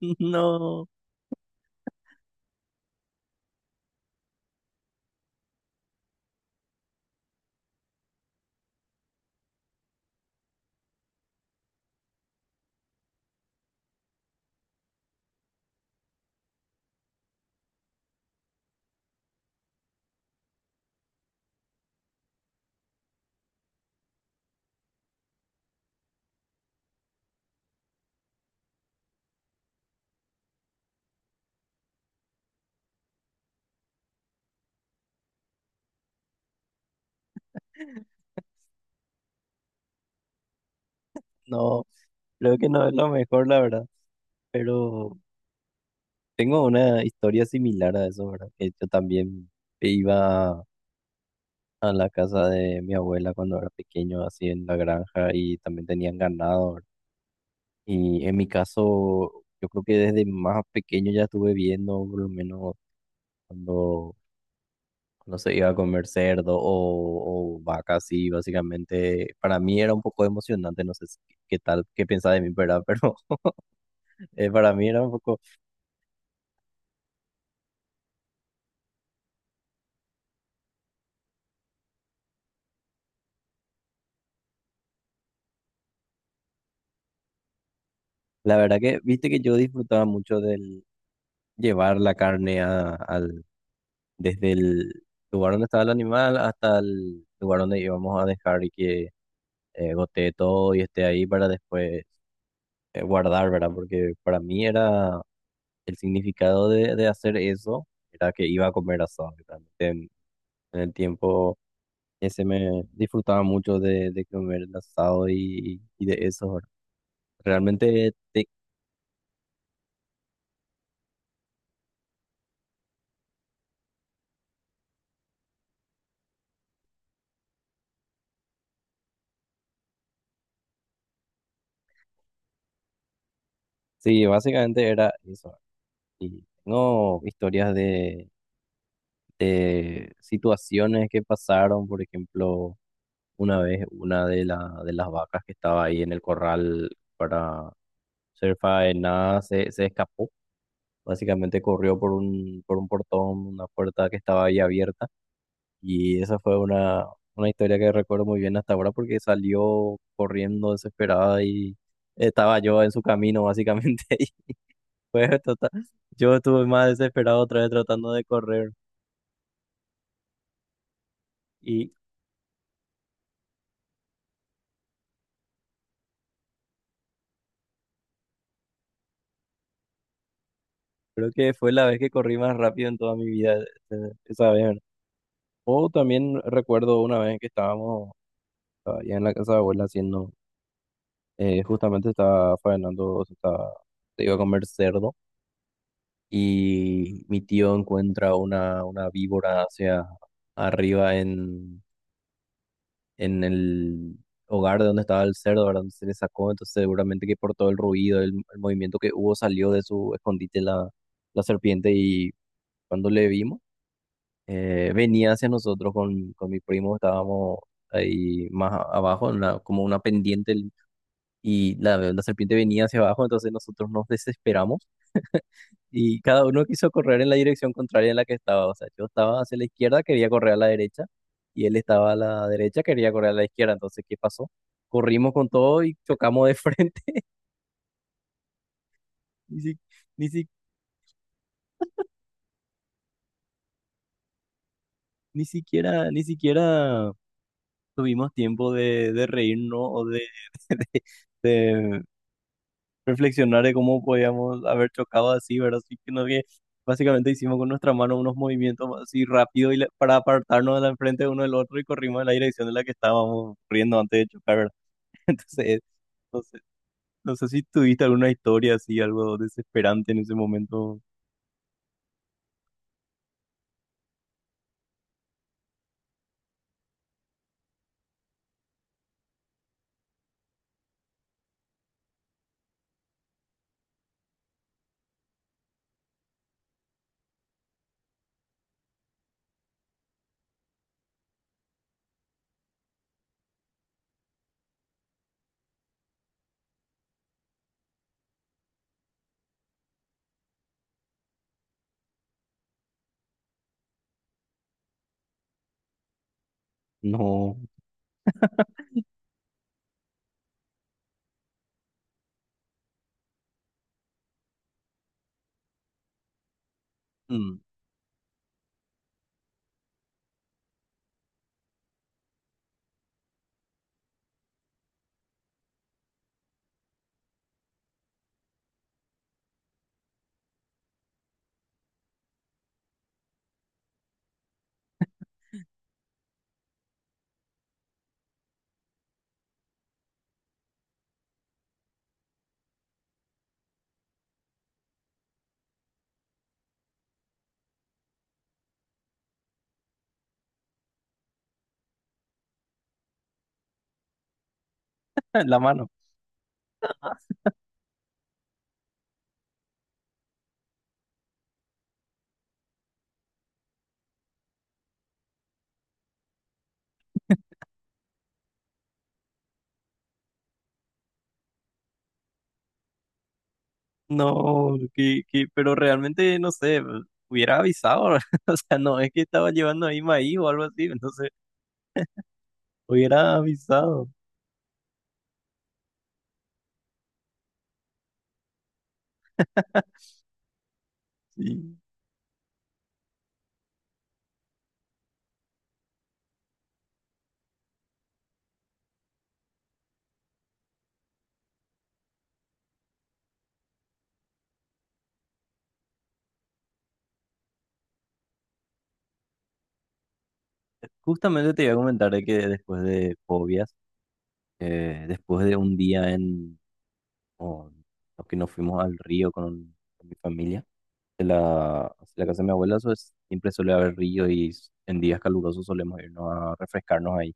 No, no, creo que no es lo mejor, la verdad. Pero tengo una historia similar a eso, ¿verdad? Que yo también iba a la casa de mi abuela cuando era pequeño, así en la granja, y también tenían ganado, ¿verdad? Y en mi caso, yo creo que desde más pequeño ya estuve viendo, por lo menos cuando, cuando se iba a comer cerdo o vaca, así, básicamente. Para mí era un poco emocionante, no sé si- qué tal, qué pensaba de mí, ¿verdad? Pero para mí era un poco. La verdad que, viste que yo disfrutaba mucho del llevar la carne al desde el lugar donde estaba el animal hasta el lugar donde íbamos a dejar y que gotee todo y esté ahí para después guardar, ¿verdad? Porque para mí era el significado de hacer eso, era que iba a comer asado. Y realmente en el tiempo ese me disfrutaba mucho de comer el asado y de eso, ¿verdad? Realmente, te- sí, básicamente era eso. Y tengo historias de situaciones que pasaron, por ejemplo, una vez una de las vacas que estaba ahí en el corral para ser faenada se escapó. Básicamente corrió por por un portón, una puerta que estaba ahí abierta. Y esa fue una historia que recuerdo muy bien hasta ahora porque salió corriendo desesperada y estaba yo en su camino, básicamente. Y fue total- yo estuve más desesperado otra vez tratando de correr. Y creo que fue la vez que corrí más rápido en toda mi vida, esa vez. O también recuerdo una vez que estábamos allá en la casa de abuela haciendo, justamente estaba faenando, o sea, se iba a comer cerdo y mi tío encuentra una víbora hacia arriba en el hogar de donde estaba el cerdo, ¿verdad? Donde se le sacó, entonces seguramente que por todo el ruido, el movimiento que hubo, salió de su escondite la serpiente y cuando le vimos venía hacia nosotros con mi primo, estábamos ahí más abajo, en como una pendiente, y la serpiente venía hacia abajo, entonces nosotros nos desesperamos y cada uno quiso correr en la dirección contraria en la que estaba. O sea, yo estaba hacia la izquierda, quería correr a la derecha, y él estaba a la derecha, quería correr a la izquierda. Entonces, ¿qué pasó? Corrimos con todo y chocamos de frente. Ni, si- ni, si- ni siquiera, tuvimos tiempo de reírnos o reflexionar de cómo podíamos haber chocado así, ¿verdad? Así que no que básicamente hicimos con nuestra mano unos movimientos así rápido y para apartarnos de la enfrente de uno del otro y corrimos en la dirección en la que estábamos corriendo antes de chocar, ¿verdad? Entonces, no sé, no sé si tuviste alguna historia así, algo desesperante en ese momento. No. Mm, en la mano. No, pero realmente no sé, hubiera avisado, o sea, no es que estaba llevando ahí maíz o algo así, entonces hubiera avisado. Sí. Justamente te iba a comentar de que después de fobias, después de un día en o- o que nos fuimos al río con mi familia, de de la casa de mi abuela, siempre suele haber río y en días calurosos solemos irnos a refrescarnos ahí.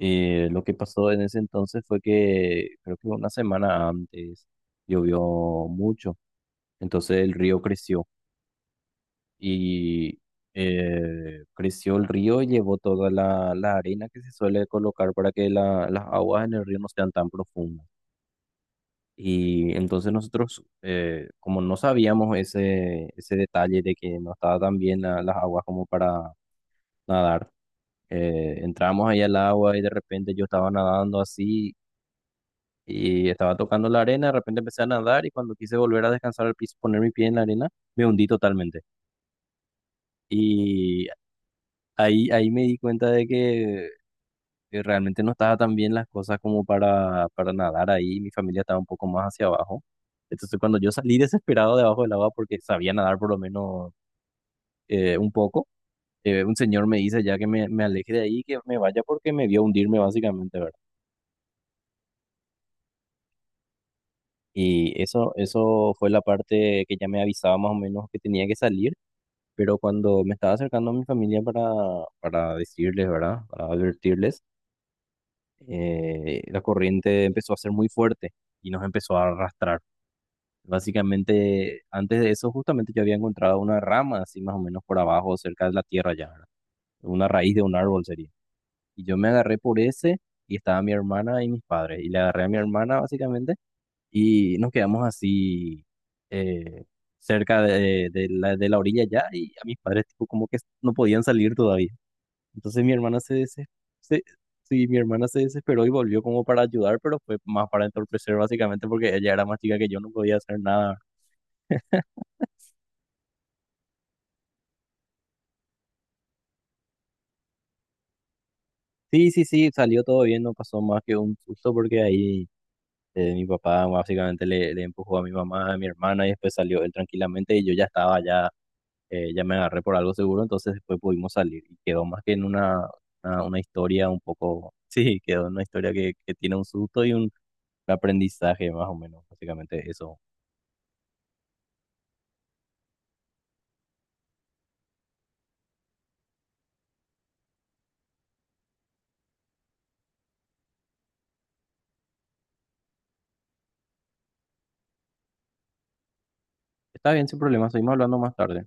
Lo que pasó en ese entonces fue que creo que una semana antes llovió mucho, entonces el río creció. Y creció el río y llevó toda la arena que se suele colocar para que las aguas en el río no sean tan profundas. Y entonces nosotros, como no sabíamos ese detalle de que no estaba tan bien las aguas como para nadar, entramos ahí al agua y de repente yo estaba nadando así y estaba tocando la arena, de repente empecé a nadar y cuando quise volver a descansar al piso, poner mi pie en la arena, me hundí totalmente. Y ahí me di cuenta de que realmente no estaba tan bien las cosas como para nadar ahí, mi familia estaba un poco más hacia abajo. Entonces cuando yo salí desesperado debajo del agua porque sabía nadar por lo menos un poco, un señor me dice ya que me aleje de ahí, que me vaya porque me vio hundirme básicamente, ¿verdad? Y eso fue la parte que ya me avisaba más o menos que tenía que salir, pero cuando me estaba acercando a mi familia para decirles, ¿verdad? Para advertirles, la corriente empezó a ser muy fuerte y nos empezó a arrastrar. Básicamente, antes de eso, justamente yo había encontrado una rama así más o menos por abajo, cerca de la tierra ya, ¿verdad? Una raíz de un árbol sería. Y yo me agarré por ese y estaba mi hermana y mis padres. Y le agarré a mi hermana básicamente y nos quedamos así eh, cerca de la de la orilla ya y a mis padres tipo como que no podían salir todavía. Entonces mi hermana desesperó, sí, mi hermana se desesperó y volvió como para ayudar, pero fue más para entorpecer básicamente porque ella era más chica que yo, no podía hacer nada. Sí, sí, sí, salió todo bien, no pasó más que un susto porque ahí mi papá básicamente le empujó a mi mamá, a mi hermana y después salió él tranquilamente y yo ya ya me agarré por algo seguro, entonces después pudimos salir y quedó más que en una historia un poco, sí, quedó en una historia que tiene un susto y un aprendizaje más o menos, básicamente eso. Está bien, sin problema, seguimos hablando más tarde.